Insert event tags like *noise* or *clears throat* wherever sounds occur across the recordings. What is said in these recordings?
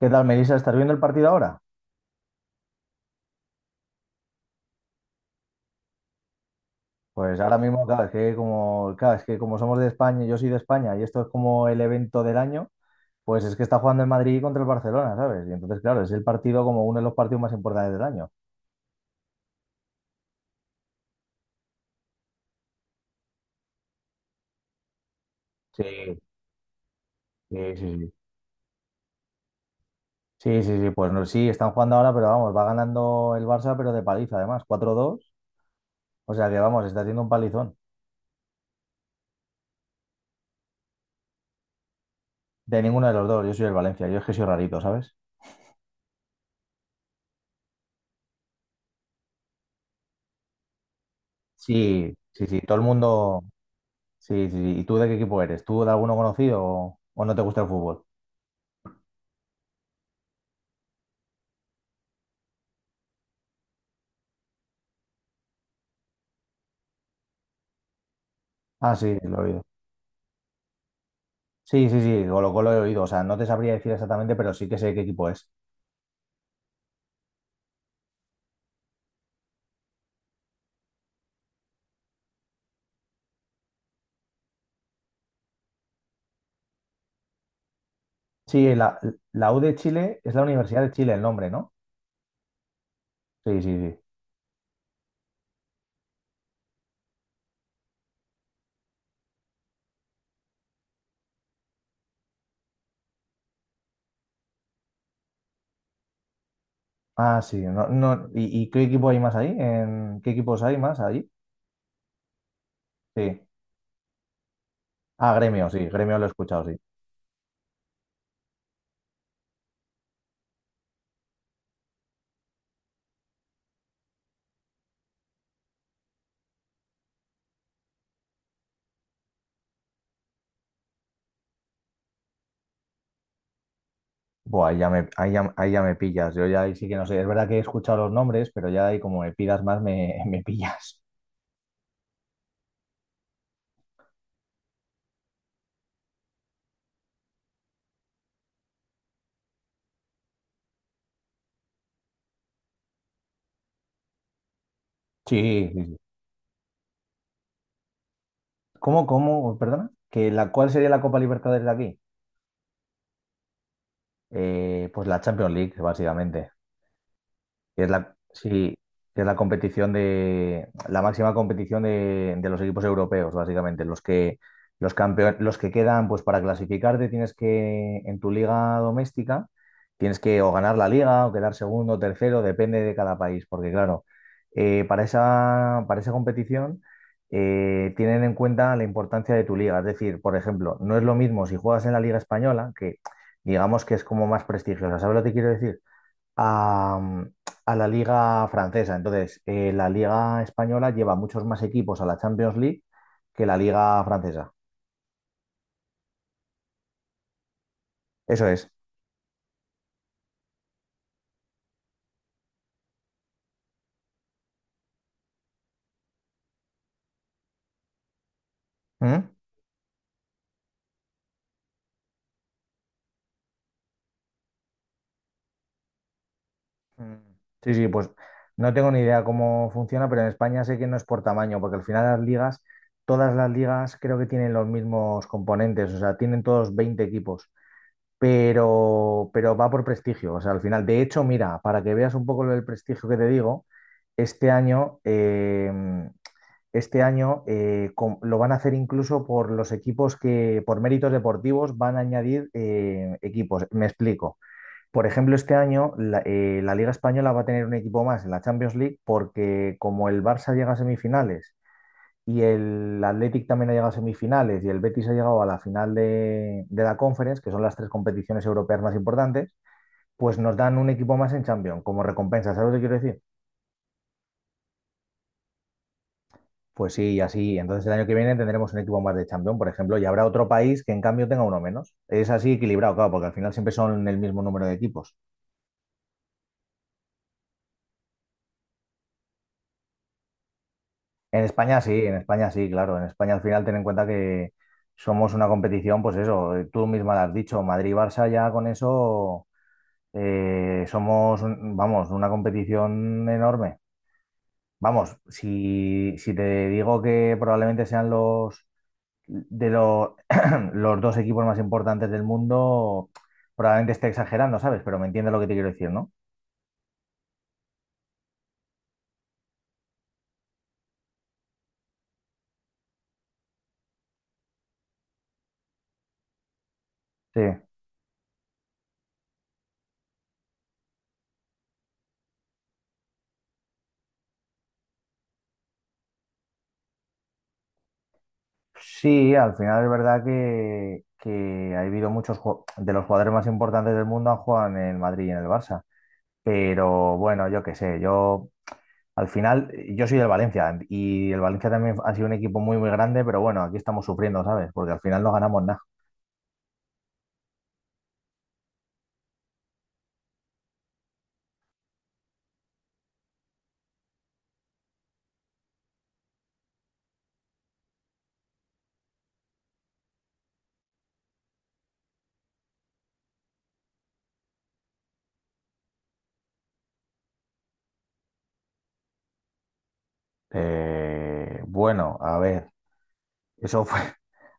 ¿Qué tal, Melissa? ¿Estás viendo el partido ahora? Pues ahora mismo, claro, es que como somos de España, yo soy de España y esto es como el evento del año, pues es que está jugando el Madrid contra el Barcelona, ¿sabes? Y entonces, claro, es el partido como uno de los partidos más importantes del año. Sí, sí, sí, sí. Sí, sí, sí, pues no, sí, están jugando ahora, pero vamos, va ganando el Barça, pero de paliza además, 4-2. O sea que vamos, está haciendo un palizón. De ninguno de los dos, yo soy el Valencia, yo es que soy rarito, ¿sabes? Sí, sí, sí, todo el mundo. Sí, sí, sí. ¿Y tú de qué equipo eres? ¿Tú de alguno conocido o no te gusta el fútbol? Ah, sí, lo he oído. Sí, sí, sí, Colo Colo he oído. O sea, no te sabría decir exactamente, pero sí que sé qué equipo es. Sí, la U de Chile es la Universidad de Chile el nombre, ¿no? Sí, sí, sí. Ah, sí. No, no, y qué equipo hay más ahí? ¿En qué equipos hay más allí? Sí. Ah, Gremio, sí, Gremio lo he escuchado, sí. Buah, ahí ya me pillas. Yo ya ahí sí que no sé. Es verdad que he escuchado los nombres, pero ya ahí como me pidas más, *laughs* me pillas. Sí, sí, sí. ¿Cómo, cómo? Perdona. ¿Que cuál sería la Copa Libertadores de aquí? Pues la Champions League, básicamente, que es la, sí, que es la competición de, la máxima competición de los equipos europeos, básicamente. Los que, los campeones, los que quedan, pues para clasificarte tienes que, en tu liga doméstica, tienes que o ganar la liga o quedar segundo, tercero, depende de cada país, porque claro, para esa competición tienen en cuenta la importancia de tu liga. Es decir, por ejemplo, no es lo mismo si juegas en la Liga Española, que digamos que es como más prestigiosa. ¿Sabes lo que quiero decir? a, mm, a la liga francesa. Entonces, la liga española lleva muchos más equipos a la Champions League que la liga francesa. Eso es. ¿Mm? Mm. Sí, sí, pues no tengo ni idea cómo funciona, pero en España sé que no es por tamaño, porque al final todas las ligas creo que tienen los mismos componentes, o sea, tienen todos 20 equipos. Pero va por prestigio, o sea, al final. De hecho, mira, para que veas un poco el prestigio que te digo, este año, eh, lo van a hacer incluso por los equipos que, por méritos deportivos, van a añadir equipos. Me explico. Por ejemplo, este año la, la Liga Española va a tener un equipo más en la Champions League porque como el Barça llega a semifinales y el Athletic también ha llegado a semifinales y el Betis ha llegado a la final de la Conference, que son las tres competiciones europeas más importantes, pues nos dan un equipo más en Champions como recompensa. ¿Sabes lo que quiero decir? Pues sí, y así. Entonces el año que viene tendremos un equipo más de campeón, por ejemplo, y habrá otro país que en cambio tenga uno menos. Es así equilibrado, claro, porque al final siempre son el mismo número de equipos. En España sí, claro. En España al final ten en cuenta que somos una competición, pues eso, tú misma lo has dicho, Madrid-Barça ya con eso somos, un- vamos, una competición enorme. Vamos, si te digo que probablemente sean los de lo- *clears throat* los dos equipos más importantes del mundo, probablemente esté exagerando, ¿sabes? Pero me entiendes lo que te quiero decir, ¿no? Sí. Sí, al final es verdad que ha habido muchos de los jugadores más importantes del mundo han jugado en el Madrid y en el Barça. Pero bueno, yo qué sé, yo al final, yo soy del Valencia y el Valencia también ha sido un equipo muy, muy grande, pero bueno, aquí estamos sufriendo, ¿sabes? Porque al final no ganamos nada. Eh, bueno, a ver, eso fue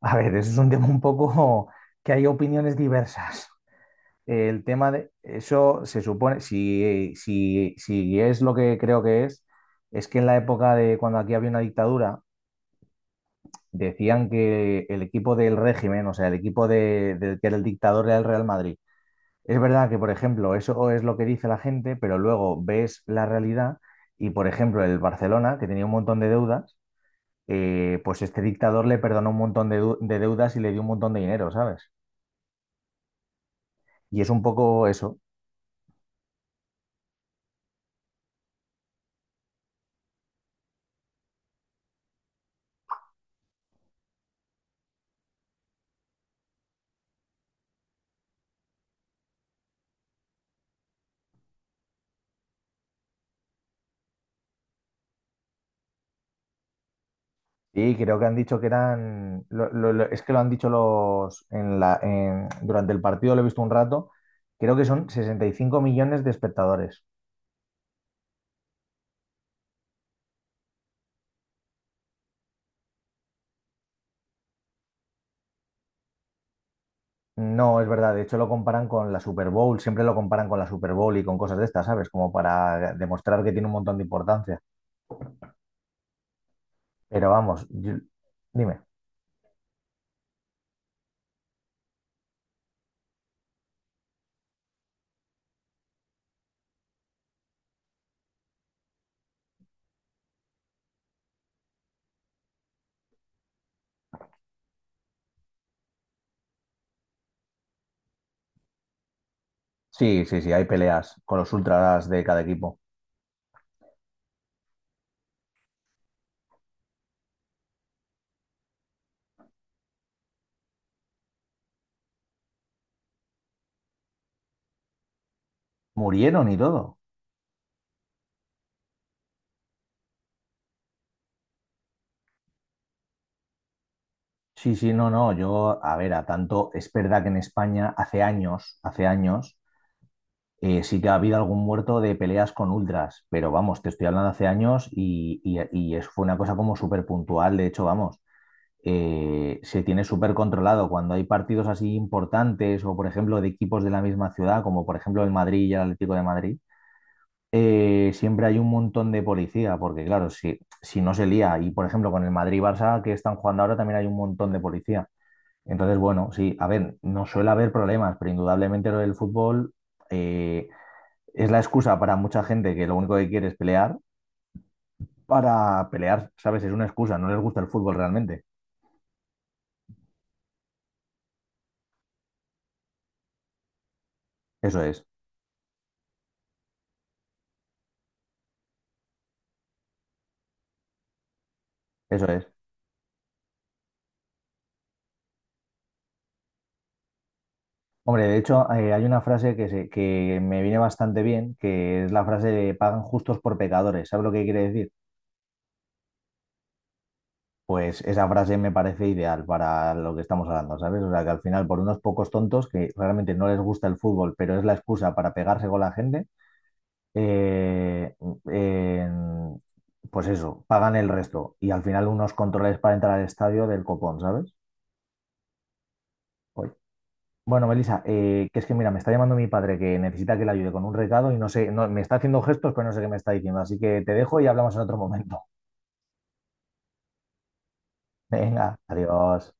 A ver, eso es un tema un poco *laughs* que hay opiniones diversas. El tema de eso se supone, si es lo que creo que es que en la época de cuando aquí había una dictadura, decían que el equipo del régimen, o sea, el equipo del que era el dictador era el Real Madrid. Es verdad que, por ejemplo, eso es lo que dice la gente, pero luego ves la realidad y, por ejemplo, el Barcelona, que tenía un montón de deudas, pues este dictador le perdonó un montón de deudas y le dio un montón de dinero, ¿sabes? Y es un poco eso. Sí, creo que han dicho que eran. Lo- es que lo han dicho los. Durante el partido lo he visto un rato. Creo que son 65 millones de espectadores. No, es verdad. De hecho, lo comparan con la Super Bowl. Siempre lo comparan con la Super Bowl y con cosas de estas, ¿sabes? Como para demostrar que tiene un montón de importancia. Pero vamos, dime. Sí, sí, sí, hay peleas con los ultras de cada equipo. Murieron y todo. Sí, sí, no, no. Yo, a ver, a tanto. Es verdad que en España hace años, hace años. Sí que ha habido algún muerto de peleas con ultras, pero vamos, te estoy hablando hace años y fue una cosa como súper puntual. De hecho, vamos, se tiene súper controlado cuando hay partidos así importantes o, por ejemplo, de equipos de la misma ciudad, como por ejemplo el Madrid y el Atlético de Madrid. Siempre hay un montón de policía, porque claro, si no se lía, y por ejemplo con el Madrid-Barça que están jugando ahora también hay un montón de policía. Entonces, bueno, sí, a ver, no suele haber problemas, pero indudablemente lo del fútbol eh, es la excusa para mucha gente que lo único que quiere es pelear, para pelear, ¿sabes? Es una excusa, no les gusta el fútbol realmente. Eso es, eso es. Hombre, de hecho, hay una frase que, que me viene bastante bien, que es la frase de pagan justos por pecadores. ¿Sabes lo que quiere decir? Pues esa frase me parece ideal para lo que estamos hablando, ¿sabes? O sea, que al final, por unos pocos tontos que realmente no les gusta el fútbol, pero es la excusa para pegarse con la gente, eh, en- pues eso, pagan el resto y al final unos controles para entrar al estadio del copón, ¿sabes? Oye. Bueno, Melissa, que es que mira, me está llamando mi padre que necesita que le ayude con un recado y no sé, no, me está haciendo gestos, pero no sé qué me está diciendo, así que te dejo y hablamos en otro momento. *laughs* Venga, adiós.